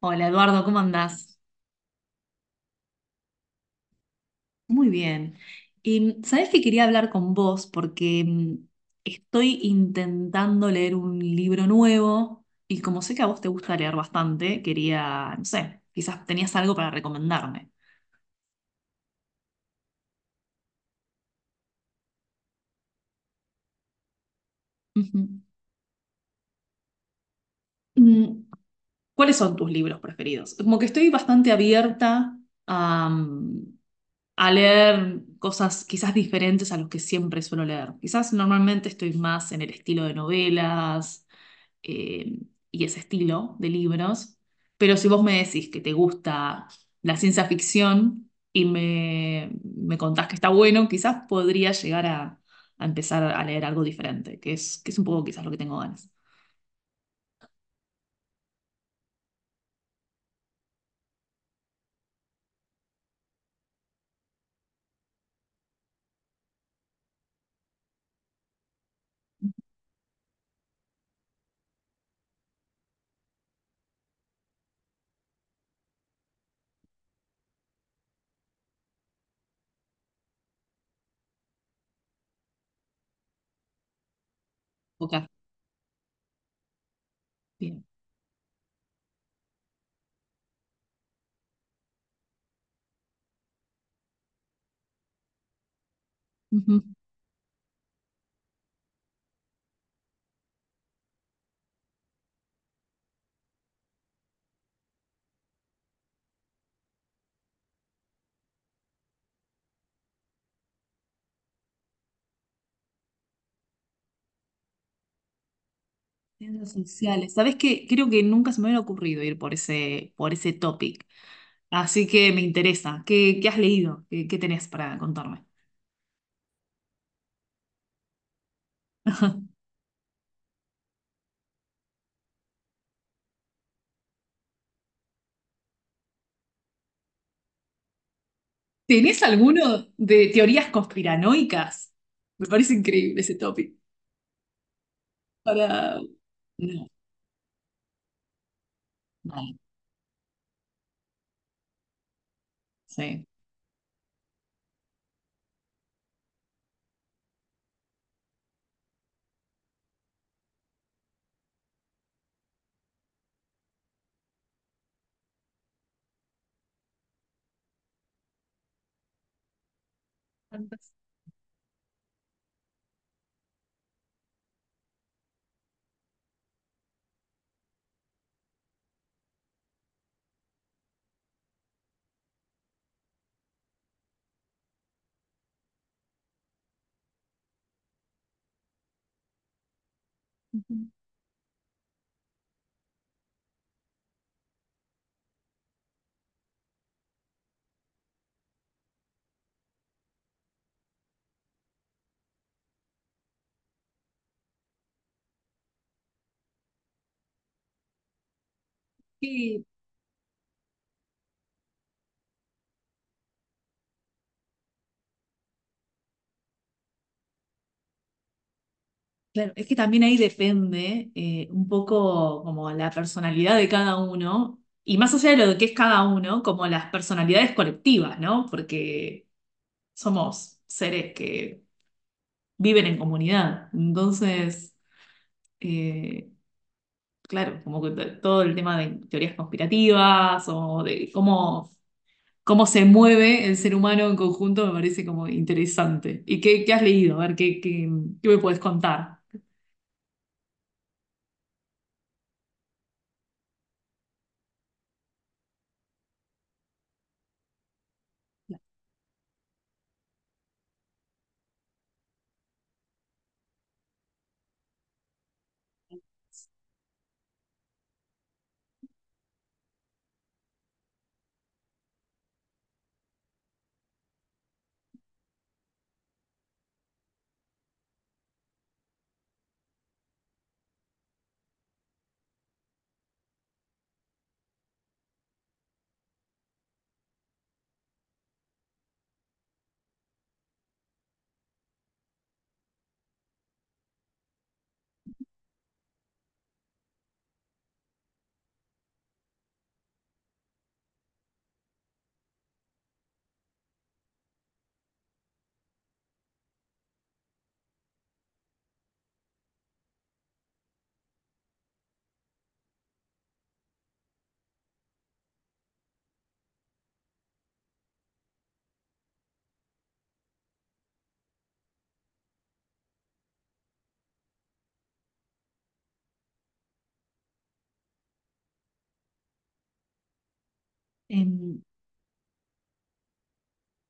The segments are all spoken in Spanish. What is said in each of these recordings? Hola Eduardo, ¿cómo andás? Muy bien. Y sabés que quería hablar con vos porque estoy intentando leer un libro nuevo y como sé que a vos te gusta leer bastante, quería, no sé, quizás tenías algo para recomendarme. Ujú. Mm, ¿Cuáles son tus libros preferidos? Como que estoy bastante abierta a, a leer cosas quizás diferentes a los que siempre suelo leer. Quizás normalmente estoy más en el estilo de novelas eh, y ese estilo de libros. Pero si vos me decís que te gusta la ciencia ficción y me contás que está bueno, quizás podría llegar a empezar a leer algo diferente, que es un poco quizás lo que tengo ganas. Ok, bien. Ujú. Ciencias sociales. ¿Sabés qué? Creo que nunca se me hubiera ocurrido ir por por ese topic. Así que me interesa. ¿Qué, qué has leído? ¿Qué, qué tenés para contarme? ¿Tenés alguno de teorías conspiranoicas? Me parece increíble ese topic. Para... No, no, sí. Tantas. Ujú. Y, claro, es que también ahí depende un poco como la personalidad de cada uno, y más allá de lo que es cada uno, como las personalidades colectivas, ¿no? Porque somos seres que viven en comunidad. Entonces, eh, claro, como que todo el tema de teorías conspirativas o de cómo cómo se mueve el ser humano en conjunto me parece como interesante. ¿Y qué, qué has leído? A ver, ¿qué, qué, qué me puedes contar? Eh,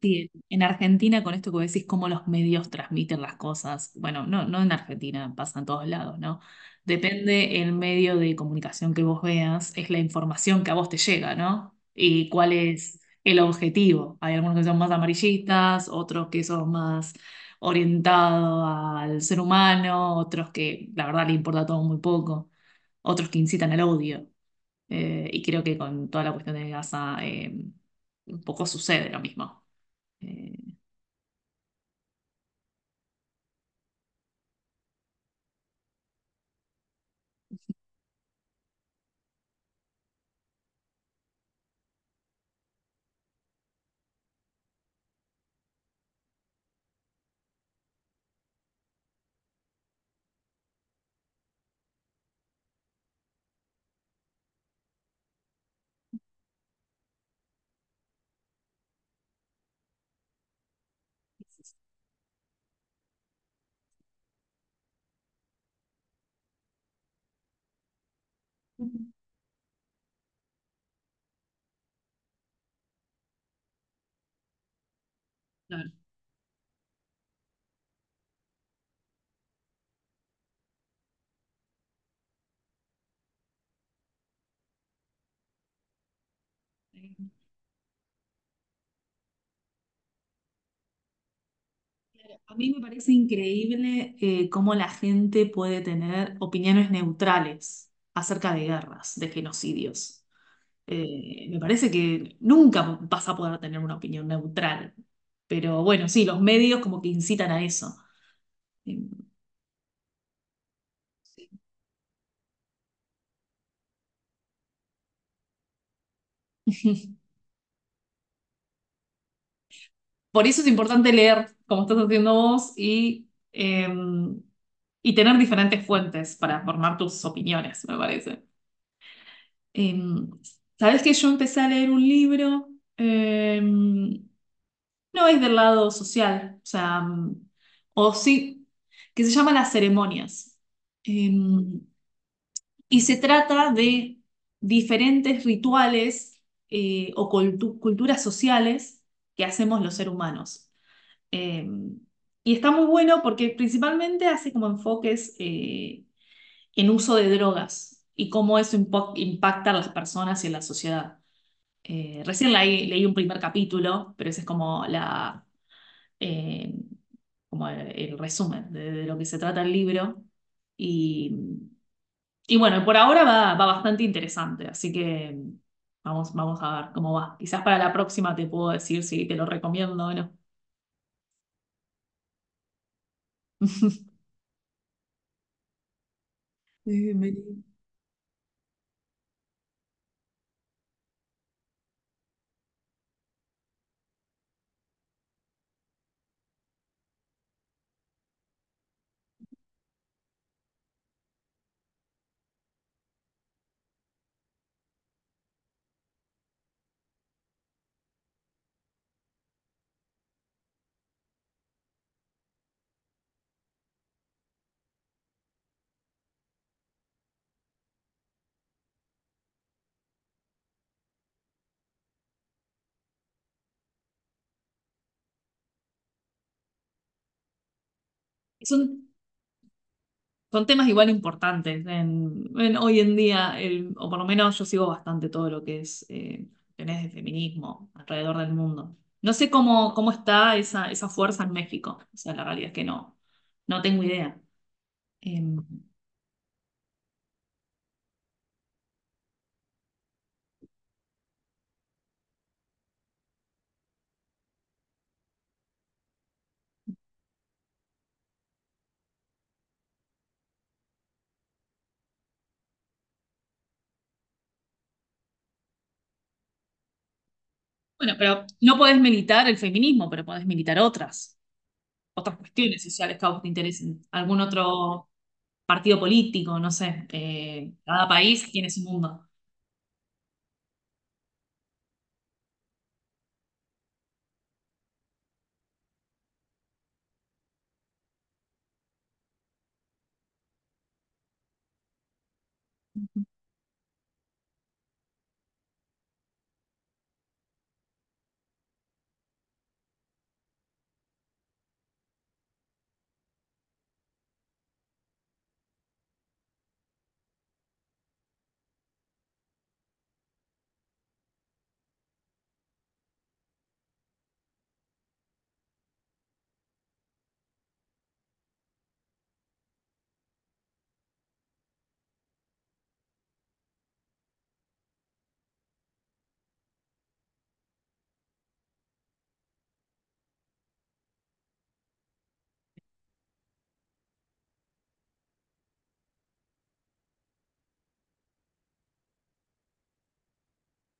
Sí, en Argentina, con esto que vos decís, cómo los medios transmiten las cosas, bueno, no, no en Argentina, pasa en todos lados, ¿no? Depende el medio de comunicación que vos veas, es la información que a vos te llega, ¿no? Y cuál es el objetivo. Hay algunos que son más amarillistas, otros que son más orientados al ser humano, otros que la verdad le importa todo muy poco, otros que incitan al odio. Y creo que con toda la cuestión de Gaza, un poco sucede lo mismo. Eh, Ujú, claro. Eh, a mí me parece increíble cómo la gente puede tener opiniones neutrales acerca de guerras, de genocidios. Me parece que nunca vas a poder tener una opinión neutral, pero bueno, sí, los medios como que incitan a eso. Eh, Por eso es importante leer, como estás haciendo vos, y tener diferentes fuentes para formar tus opiniones, me parece. Em, ¿Sabés que yo empecé a leer un libro? Em, no es del lado social, o sea, o sí, que se llama Las ceremonias. Em, y se trata de diferentes rituales o culturas sociales que hacemos los seres humanos. Em, y está muy bueno porque principalmente hace como enfoques en uso de drogas y cómo eso impacta a las personas y a la sociedad. Recién leí, leí un primer capítulo, pero ese es como eh, como el resumen de lo que se trata el libro. Y, y bueno, por ahora va, va bastante interesante, así que vamos, vamos a ver cómo va. Quizás para la próxima te puedo decir si te lo recomiendo o no. Mary. Es un, son temas igual importantes en hoy en día, o por lo menos yo sigo bastante todo lo que es tenés de feminismo alrededor del mundo. No sé cómo, cómo está esa, esa fuerza en México. O sea, la realidad es que no, no tengo idea. Em, bueno, pero no podés militar el feminismo, pero podés militar otras, otras cuestiones sociales que a vos te interesen. Algún otro partido político, no sé. Cada país tiene su mundo.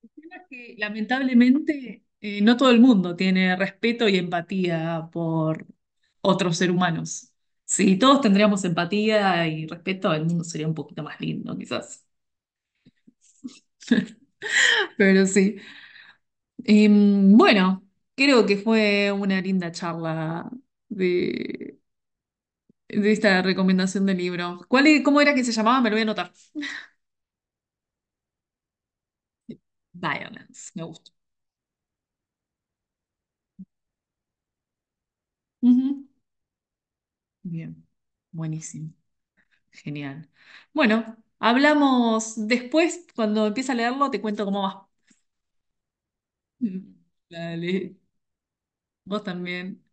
Tema que lamentablemente no todo el mundo tiene respeto y empatía por otros seres humanos. Si todos tendríamos empatía y respeto, el mundo sería un poquito más lindo, quizás. Pero sí. Bueno, creo que fue una linda charla de, de esta recomendación de libro. ¿Cuál, es- cómo era que se llamaba? Me lo voy a anotar. Violence, me gusta. Ujú. Bien, buenísimo. Genial. Bueno, hablamos después. Cuando empiece a leerlo, te cuento cómo va. Dale. Vos también.